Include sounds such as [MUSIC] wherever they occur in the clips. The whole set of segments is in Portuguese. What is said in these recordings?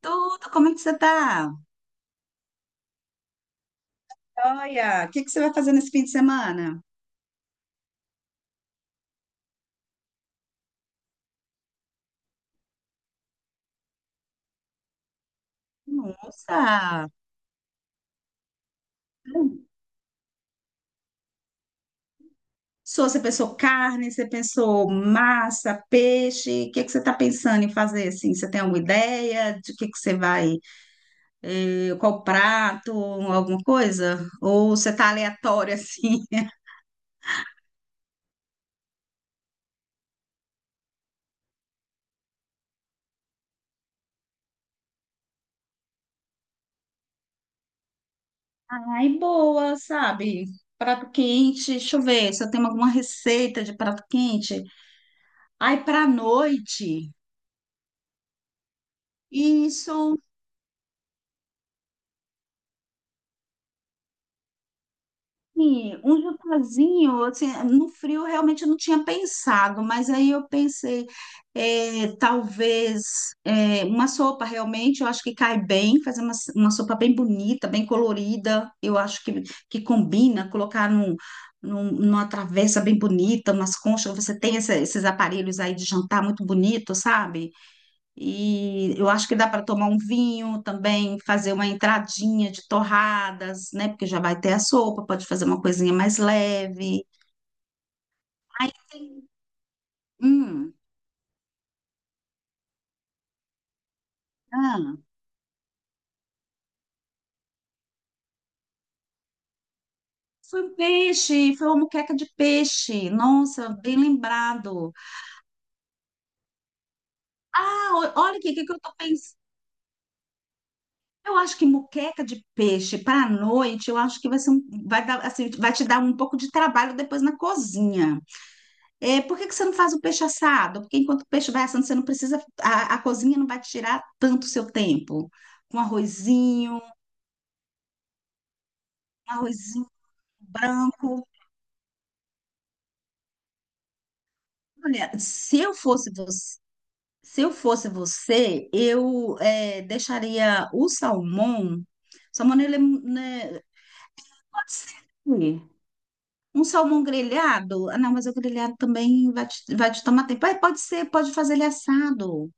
Tudo, como é que você tá? Olha, o que que você vai fazer nesse fim de semana? Nossa! Sou, você pensou carne, você pensou massa, peixe? O que que você está pensando em fazer assim? Você tem alguma ideia de que você vai, qual prato, alguma coisa? Ou você tá aleatório assim? [LAUGHS] Ai, boa, sabe? Prato quente, deixa eu ver se eu tenho alguma receita de prato quente. Ai, pra noite. Isso. Sim, um jantarzinho, assim, no frio eu realmente não tinha pensado, mas aí eu pensei, talvez uma sopa realmente, eu acho que cai bem, fazer uma sopa bem bonita, bem colorida, eu acho que combina, colocar numa travessa bem bonita, umas conchas, você tem esses aparelhos aí de jantar muito bonito, sabe? E eu acho que dá para tomar um vinho também, fazer uma entradinha de torradas, né? Porque já vai ter a sopa, pode fazer uma coisinha mais leve. Aí tem. Hum, ah, foi um peixe, foi uma moqueca de peixe. Nossa, bem lembrado. Ah, olha aqui, o que que eu tô pensando? Eu acho que moqueca de peixe para a noite, eu acho que vai dar, assim, vai te dar um pouco de trabalho depois na cozinha. É, por que que você não faz o peixe assado? Porque enquanto o peixe vai assando, você não precisa, a cozinha não vai te tirar tanto o seu tempo. Com arrozinho, um arrozinho branco. Olha, se eu fosse você, eu deixaria o salmão. Salmão, ele é, né, pode ser. Um salmão grelhado? Ah, não, mas o grelhado também vai te tomar tempo. Ah, pode ser, pode fazer ele assado.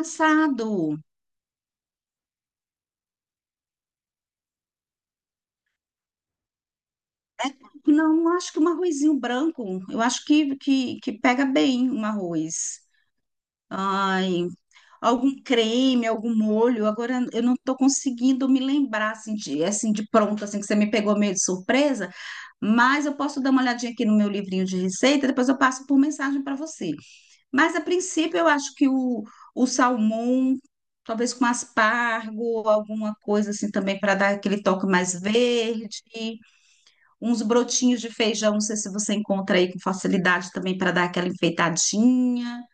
Assado. Não, acho que um arrozinho branco. Eu acho que pega bem um arroz. Ai, algum creme, algum molho. Agora eu não estou conseguindo me lembrar assim de pronto, assim que você me pegou meio de surpresa. Mas eu posso dar uma olhadinha aqui no meu livrinho de receita. Depois eu passo por mensagem para você. Mas a princípio eu acho que o salmão, talvez com aspargo, alguma coisa assim também para dar aquele toque mais verde. Uns brotinhos de feijão, não sei se você encontra aí com facilidade também para dar aquela enfeitadinha,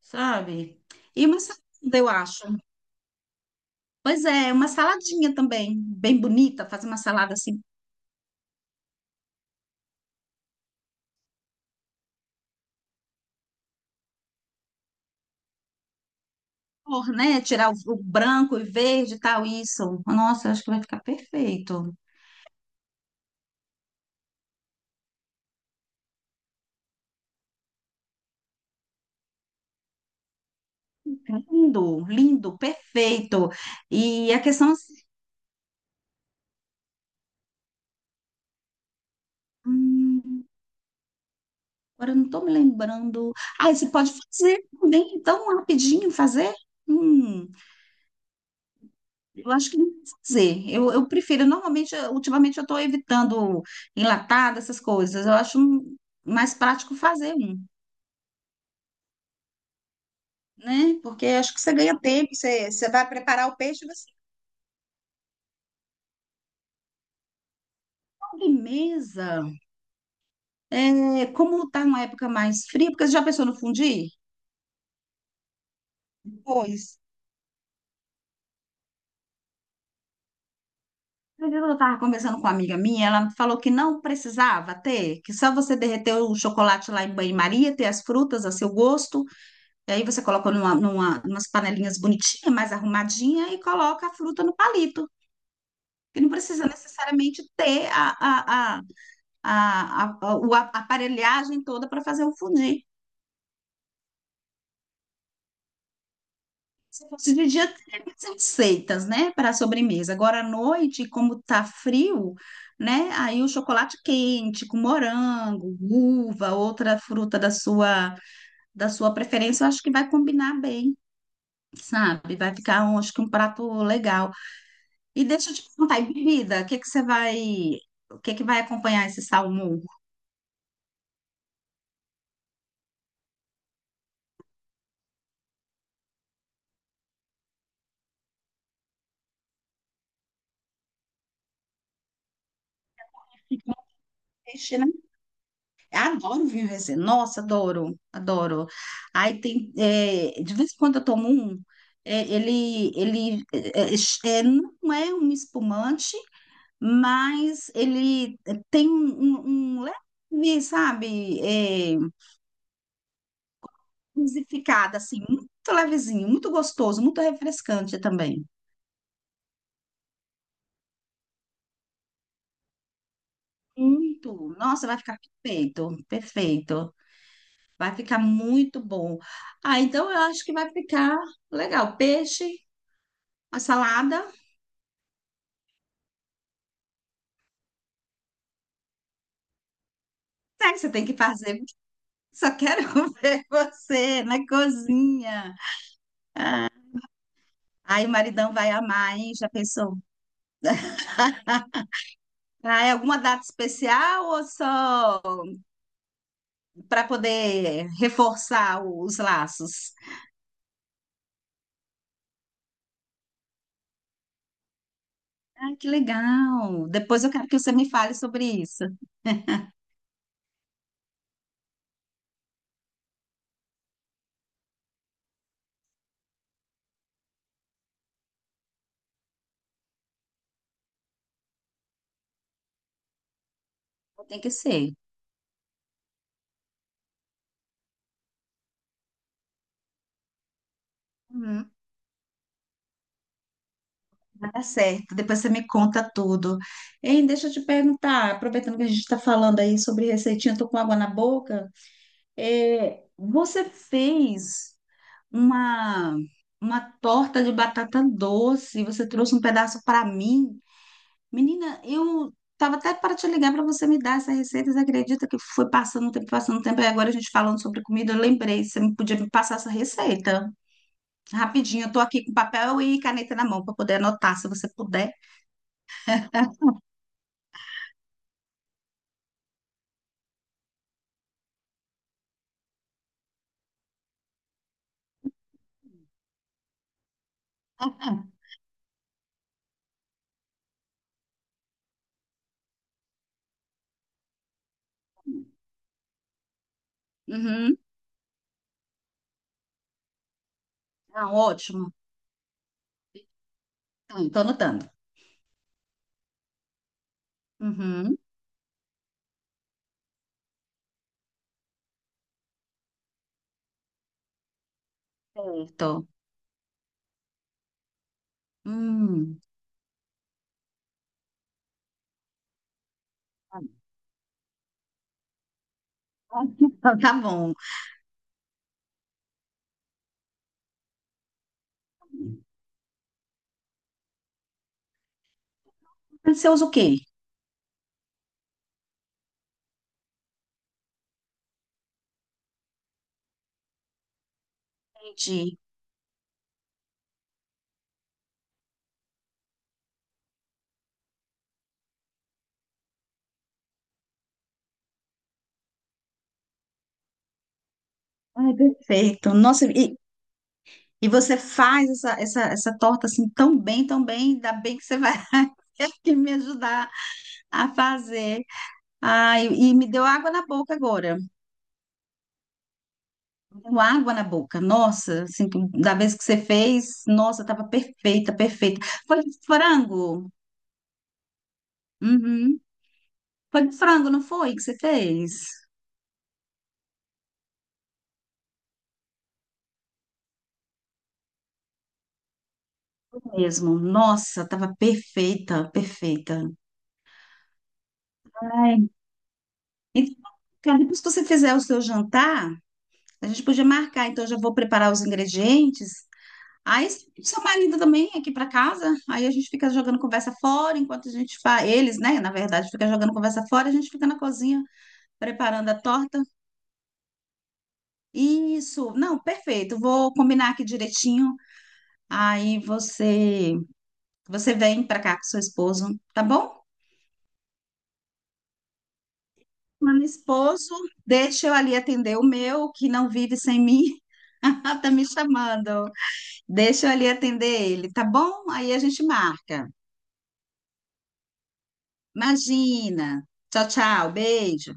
sabe? E uma salada, eu acho. Pois é, uma saladinha também, bem bonita, fazer uma salada assim, cor, né? Tirar o branco e verde e tal, isso. Nossa, eu acho que vai ficar perfeito. Lindo, lindo, perfeito. E a questão assim, hum, agora eu não tô me lembrando. Ah, e você pode fazer também, tão rapidinho fazer? Hum. Eu acho que não sei dizer. Eu prefiro, normalmente, ultimamente eu estou evitando enlatado, essas coisas. Eu acho mais prático fazer um, né? Porque acho que você ganha tempo, você vai preparar o peixe, e você sobremesa. Como está uma época mais fria, porque você já pensou no fundir? Pois. Eu estava conversando com uma amiga minha, ela falou que não precisava ter, que só você derreter o chocolate lá em banho-maria, ter as frutas a seu gosto. E aí você coloca umas panelinhas bonitinhas, mais arrumadinha, e coloca a fruta no palito. Que não precisa necessariamente ter a aparelhagem toda para fazer o fondue. Se fosse de dia, teria mais receitas, né, para a sobremesa. Agora à noite, como tá frio, né, aí o chocolate quente com morango, uva, outra fruta da sua preferência, eu acho que vai combinar bem, sabe? Vai ficar, acho que um prato legal. E deixa eu te perguntar, e bebida, o que que você vai, o que que vai acompanhar esse salmão? Peixe, né? Eu adoro vinho rosé. Nossa, adoro, adoro. Aí tem, de vez em quando eu tomo um, ele é, não é um espumante, mas ele é, tem um leve, sabe, intensificado, assim, muito levezinho, muito gostoso, muito refrescante também. Muito. Nossa, vai ficar perfeito, perfeito. Vai ficar muito bom. Ah, então eu acho que vai ficar legal. Peixe, a salada. É que você tem que fazer. Só quero [LAUGHS] ver você na cozinha. Aí o maridão vai amar, hein? Já pensou? Ah, é alguma data especial ou só para poder reforçar os laços? Ah, que legal. Depois eu quero que você me fale sobre isso. Tem que ser. Uhum. Tá certo, depois você me conta tudo. Hein, deixa eu te perguntar, aproveitando que a gente está falando aí sobre receitinha, eu tô com água na boca. É, você fez uma, uma torta de batata doce, você trouxe um pedaço para mim. Menina, eu tava até para te ligar para você me dar essa receita, você acredita que foi passando o tempo, e agora a gente falando sobre comida, eu lembrei, você me podia me passar essa receita. Rapidinho, eu tô aqui com papel e caneta na mão para poder anotar, se você puder. [LAUGHS] Uhum. Ah, ótimo. Estou anotando. Uhum. Certo. Hum. Tá bom. [LAUGHS] Tá bom. Você usa o quê? Entendi. Ai, perfeito. Nossa, e você faz essa torta assim tão bem, ainda bem que você vai [LAUGHS] ter que me ajudar a fazer. Ai, e me deu água na boca agora. Me deu água na boca. Nossa, assim, da vez que você fez, nossa, tava perfeita, perfeita. Foi de frango? Uhum. Foi com frango, não foi que você fez? Mesmo. Nossa, tava perfeita, perfeita. Ai. Então, cara, depois que você fizer o seu jantar, a gente podia marcar. Então, eu já vou preparar os ingredientes. Aí, seu marido também aqui para casa. Aí a gente fica jogando conversa fora enquanto a gente faz. Eles, né? Na verdade, fica jogando conversa fora. A gente fica na cozinha preparando a torta. Isso. Não, perfeito. Vou combinar aqui direitinho. Aí você vem para cá com seu esposo, tá bom? Meu esposo, deixa eu ali atender o meu, que não vive sem mim. [LAUGHS] Tá me chamando. Deixa eu ali atender ele, tá bom? Aí a gente marca. Imagina. Tchau, tchau. Beijo.